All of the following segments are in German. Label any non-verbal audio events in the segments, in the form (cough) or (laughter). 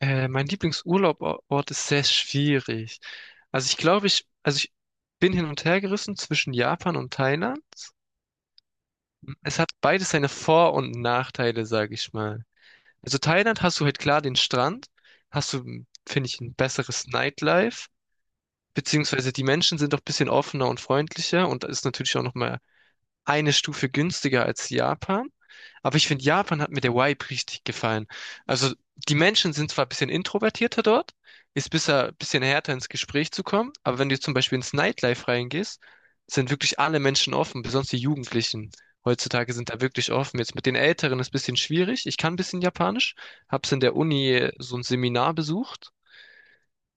Mein Lieblingsurlaubort ist sehr schwierig. Also ich glaube, ich bin hin und her gerissen zwischen Japan und Thailand. Es hat beides seine Vor- und Nachteile, sage ich mal. Also Thailand, hast du halt klar den Strand, hast du, finde ich, ein besseres Nightlife, beziehungsweise die Menschen sind auch ein bisschen offener und freundlicher und da ist natürlich auch nochmal eine Stufe günstiger als Japan. Aber ich finde, Japan, hat mir der Vibe richtig gefallen. Also die Menschen sind zwar ein bisschen introvertierter dort, ist bisher ein bisschen härter ins Gespräch zu kommen, aber wenn du zum Beispiel ins Nightlife reingehst, sind wirklich alle Menschen offen, besonders die Jugendlichen. Heutzutage sind da wirklich offen. Jetzt mit den Älteren ist ein bisschen schwierig. Ich kann ein bisschen Japanisch, hab's in der Uni so ein Seminar besucht.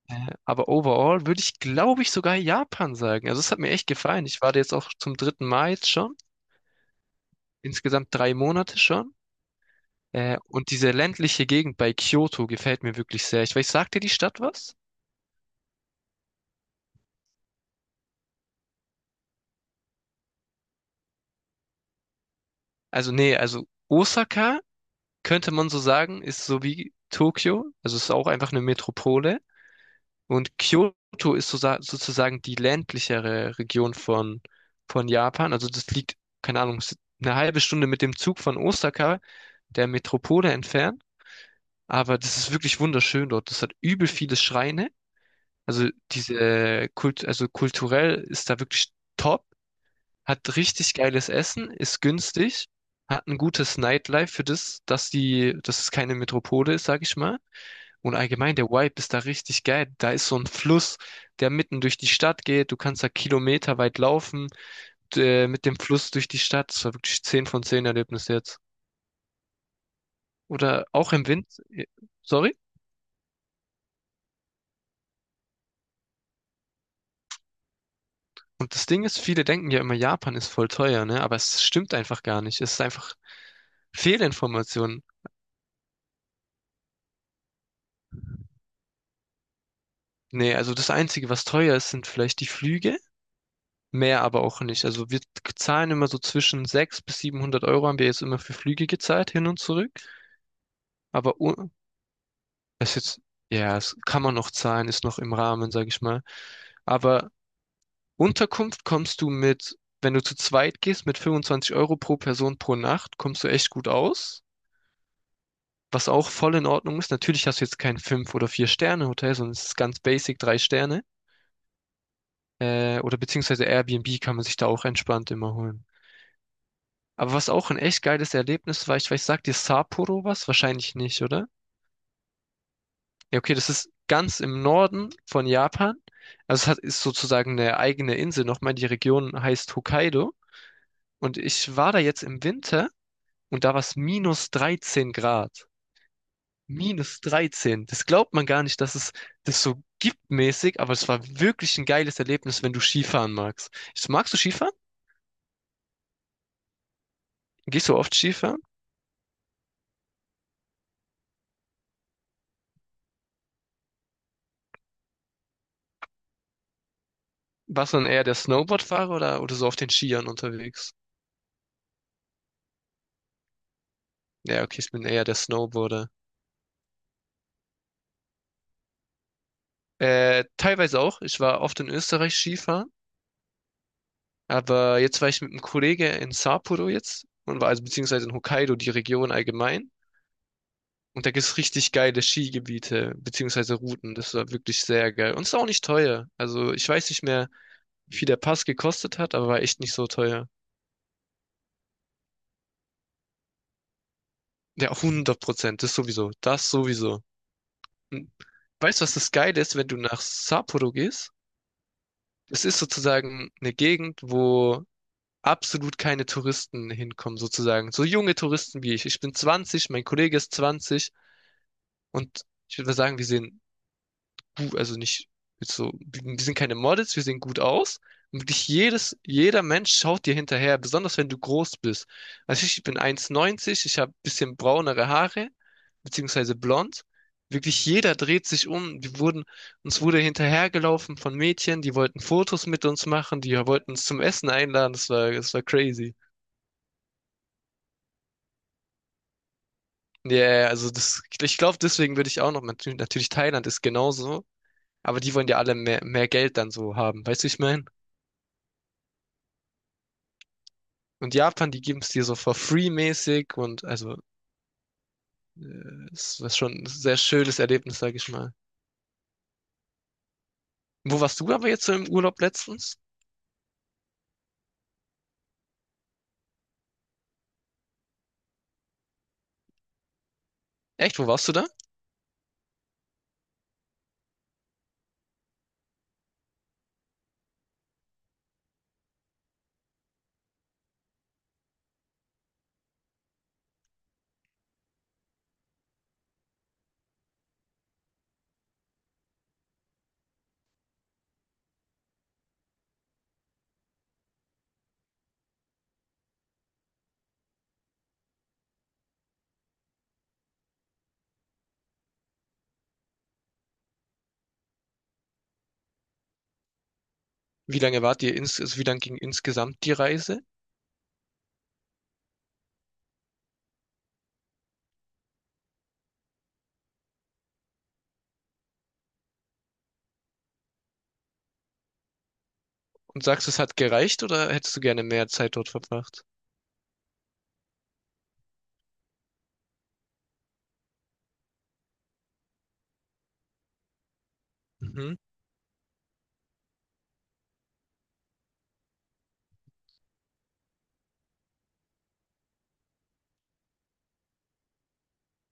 Äh, Aber overall würde ich, glaube ich, sogar Japan sagen. Also es hat mir echt gefallen. Ich war da jetzt auch zum dritten Mal jetzt schon insgesamt drei Monate schon. Und diese ländliche Gegend bei Kyoto gefällt mir wirklich sehr. Ich weiß, sagt dir die Stadt was? Also nee, also Osaka könnte man so sagen, ist so wie Tokio, also es ist auch einfach eine Metropole. Und Kyoto ist so, sozusagen die ländlichere Region von Japan. Also das liegt, keine Ahnung, eine halbe Stunde mit dem Zug von Osaka, der Metropole, entfernt. Aber das ist wirklich wunderschön dort. Das hat übel viele Schreine. Also also kulturell ist da wirklich top, hat richtig geiles Essen, ist günstig, hat ein gutes Nightlife für das, dass es keine Metropole ist, sag ich mal. Und allgemein der Vibe ist da richtig geil. Da ist so ein Fluss, der mitten durch die Stadt geht. Du kannst da kilometerweit laufen, mit dem Fluss durch die Stadt. Das war wirklich 10 von 10 Erlebnis jetzt. Oder auch im Wind, sorry. Und das Ding ist, viele denken ja immer, Japan ist voll teuer, ne? Aber es stimmt einfach gar nicht. Es ist einfach Fehlinformationen. Nee, also das Einzige, was teuer ist, sind vielleicht die Flüge, mehr aber auch nicht. Also wir zahlen immer so zwischen 600 bis 700€ haben wir jetzt immer für Flüge gezahlt, hin und zurück. Aber un- Das ist jetzt, ja, das kann man noch zahlen, ist noch im Rahmen, sag ich mal. Aber Unterkunft kommst du mit, wenn du zu zweit gehst, mit 25€ pro Person pro Nacht, kommst du echt gut aus. Was auch voll in Ordnung ist. Natürlich hast du jetzt kein fünf oder vier sterne hotel, sondern es ist ganz basic, 3 Sterne. Oder beziehungsweise Airbnb kann man sich da auch entspannt immer holen. Aber was auch ein echt geiles Erlebnis war, ich weiß, sagt dir Sapporo was? Wahrscheinlich nicht, oder? Ja, okay, das ist ganz im Norden von Japan. Also es hat, ist sozusagen eine eigene Insel nochmal. Die Region heißt Hokkaido. Und ich war da jetzt im Winter und da war es minus 13 Grad. Minus 13. Das glaubt man gar nicht, dass es das so gibt mäßig, aber es war wirklich ein geiles Erlebnis, wenn du Skifahren magst. Magst du Skifahren? Gehst du oft Skifahren? Warst du dann eher der Snowboardfahrer oder so auf den Skiern unterwegs? Ja, okay, ich bin eher der Snowboarder. Teilweise auch. Ich war oft in Österreich Skifahren, aber jetzt war ich mit einem Kollege in Sapporo jetzt und war, also beziehungsweise in Hokkaido, die Region allgemein. Und da gibt's richtig geile Skigebiete beziehungsweise Routen. Das war wirklich sehr geil. Und ist auch nicht teuer. Also ich weiß nicht mehr, wie viel der Pass gekostet hat, aber war echt nicht so teuer. Ja, hundert Prozent. Das sowieso. Das sowieso. Und weißt du, was das Geile ist, wenn du nach Sapporo gehst? Es ist sozusagen eine Gegend, wo absolut keine Touristen hinkommen, sozusagen. So junge Touristen wie ich. Ich bin 20, mein Kollege ist 20 und ich würde mal sagen, wir sehen gut, also nicht jetzt so, wir sind keine Models, wir sehen gut aus. Und wirklich jeder Mensch schaut dir hinterher, besonders wenn du groß bist. Also ich bin 1,90, ich habe ein bisschen braunere Haare, beziehungsweise blond. Wirklich jeder dreht sich um. Uns wurde hinterhergelaufen von Mädchen, die wollten Fotos mit uns machen, die wollten uns zum Essen einladen. Das war crazy. Ja, yeah, also das, ich glaube, deswegen würde ich auch noch, natürlich Thailand ist genauso, aber die wollen ja alle mehr Geld dann so haben. Weißt du, ich meine? Und Japan, die geben es dir so for free mäßig und also äh, es ist schon ein sehr schönes Erlebnis, sag ich mal. Wo warst du aber jetzt so im Urlaub letztens? Echt, wo warst du da? Wie lange wart also wie lang ging insgesamt die Reise? Und sagst du, es hat gereicht oder hättest du gerne mehr Zeit dort verbracht? Mhm.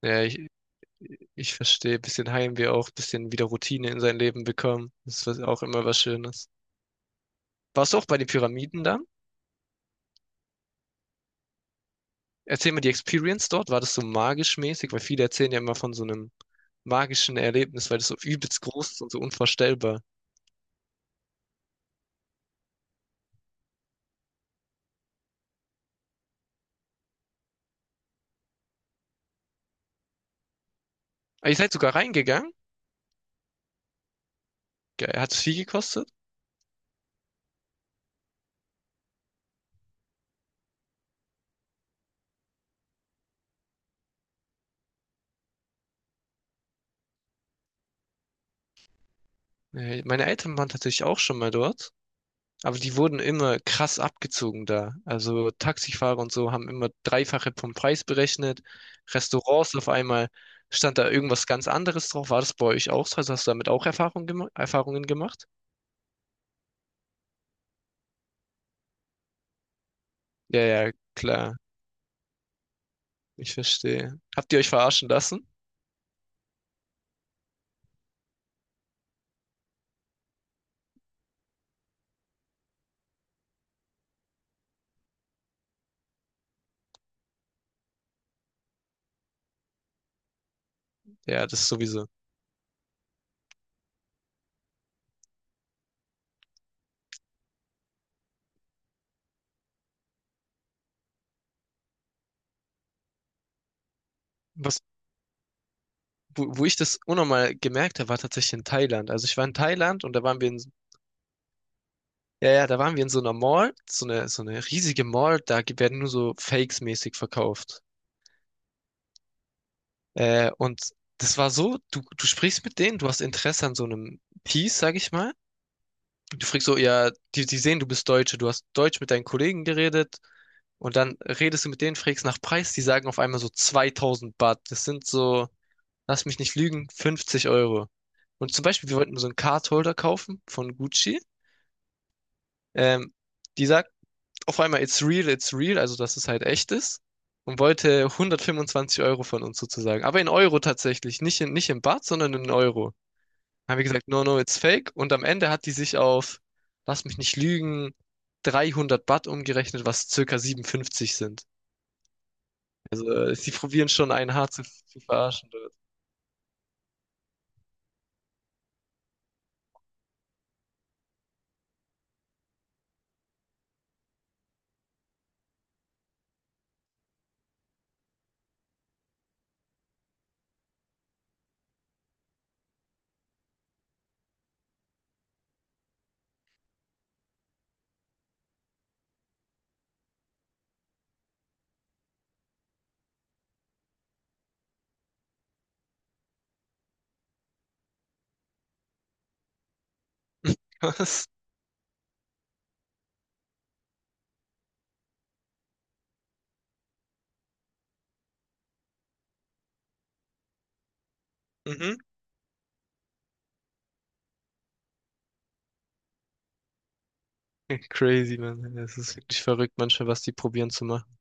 Ja, ich, Ich verstehe, bisschen Heimweh auch, bisschen wieder Routine in sein Leben bekommen. Das ist auch immer was Schönes. Warst du auch bei den Pyramiden dann? Erzähl mir die Experience dort. War das so magisch mäßig? Weil viele erzählen ja immer von so einem magischen Erlebnis, weil das so übelst groß ist und so unvorstellbar. Ah, ihr seid sogar reingegangen? Geil. Hat es viel gekostet? Meine Eltern waren tatsächlich auch schon mal dort. Aber die wurden immer krass abgezogen da. Also Taxifahrer und so haben immer Dreifache vom Preis berechnet. Restaurants, auf einmal stand da irgendwas ganz anderes drauf. War das bei euch auch so? Also hast du damit auch Erfahrungen gemacht? Ja, ja, klar. Ich verstehe. Habt ihr euch verarschen lassen? Ja, das sowieso. Was, Wo ich das unnormal gemerkt habe, war tatsächlich in Thailand. Also ich war in Thailand und da waren wir in, ja, ja, da waren wir in so einer Mall, so eine riesige Mall, werden nur so Fakes mäßig verkauft. Und das war so, du sprichst mit denen, du hast Interesse an so einem Piece, sag ich mal. Und du fragst so, ja, die sehen, du bist Deutsche, du hast Deutsch mit deinen Kollegen geredet und dann redest du mit denen, fragst nach Preis, die sagen auf einmal so 2000 Baht. Das sind so, lass mich nicht lügen, 50€. Und zum Beispiel, wir wollten so einen Cardholder kaufen von Gucci. Ähm, Die sagt auf einmal, it's real, also dass es halt echt ist. Und wollte 125€ von uns sozusagen. Aber in Euro tatsächlich. Nicht in Baht, sondern in Euro. Haben wir gesagt, no, no, it's fake. Und am Ende hat die sich auf, lass mich nicht lügen, 300 Baht umgerechnet, was circa 57 sind. Also, sie probieren schon einen hart zu verarschen dort. (laughs) Was? Mhm. Crazy, man. Es ist wirklich verrückt manchmal, was die probieren zu machen.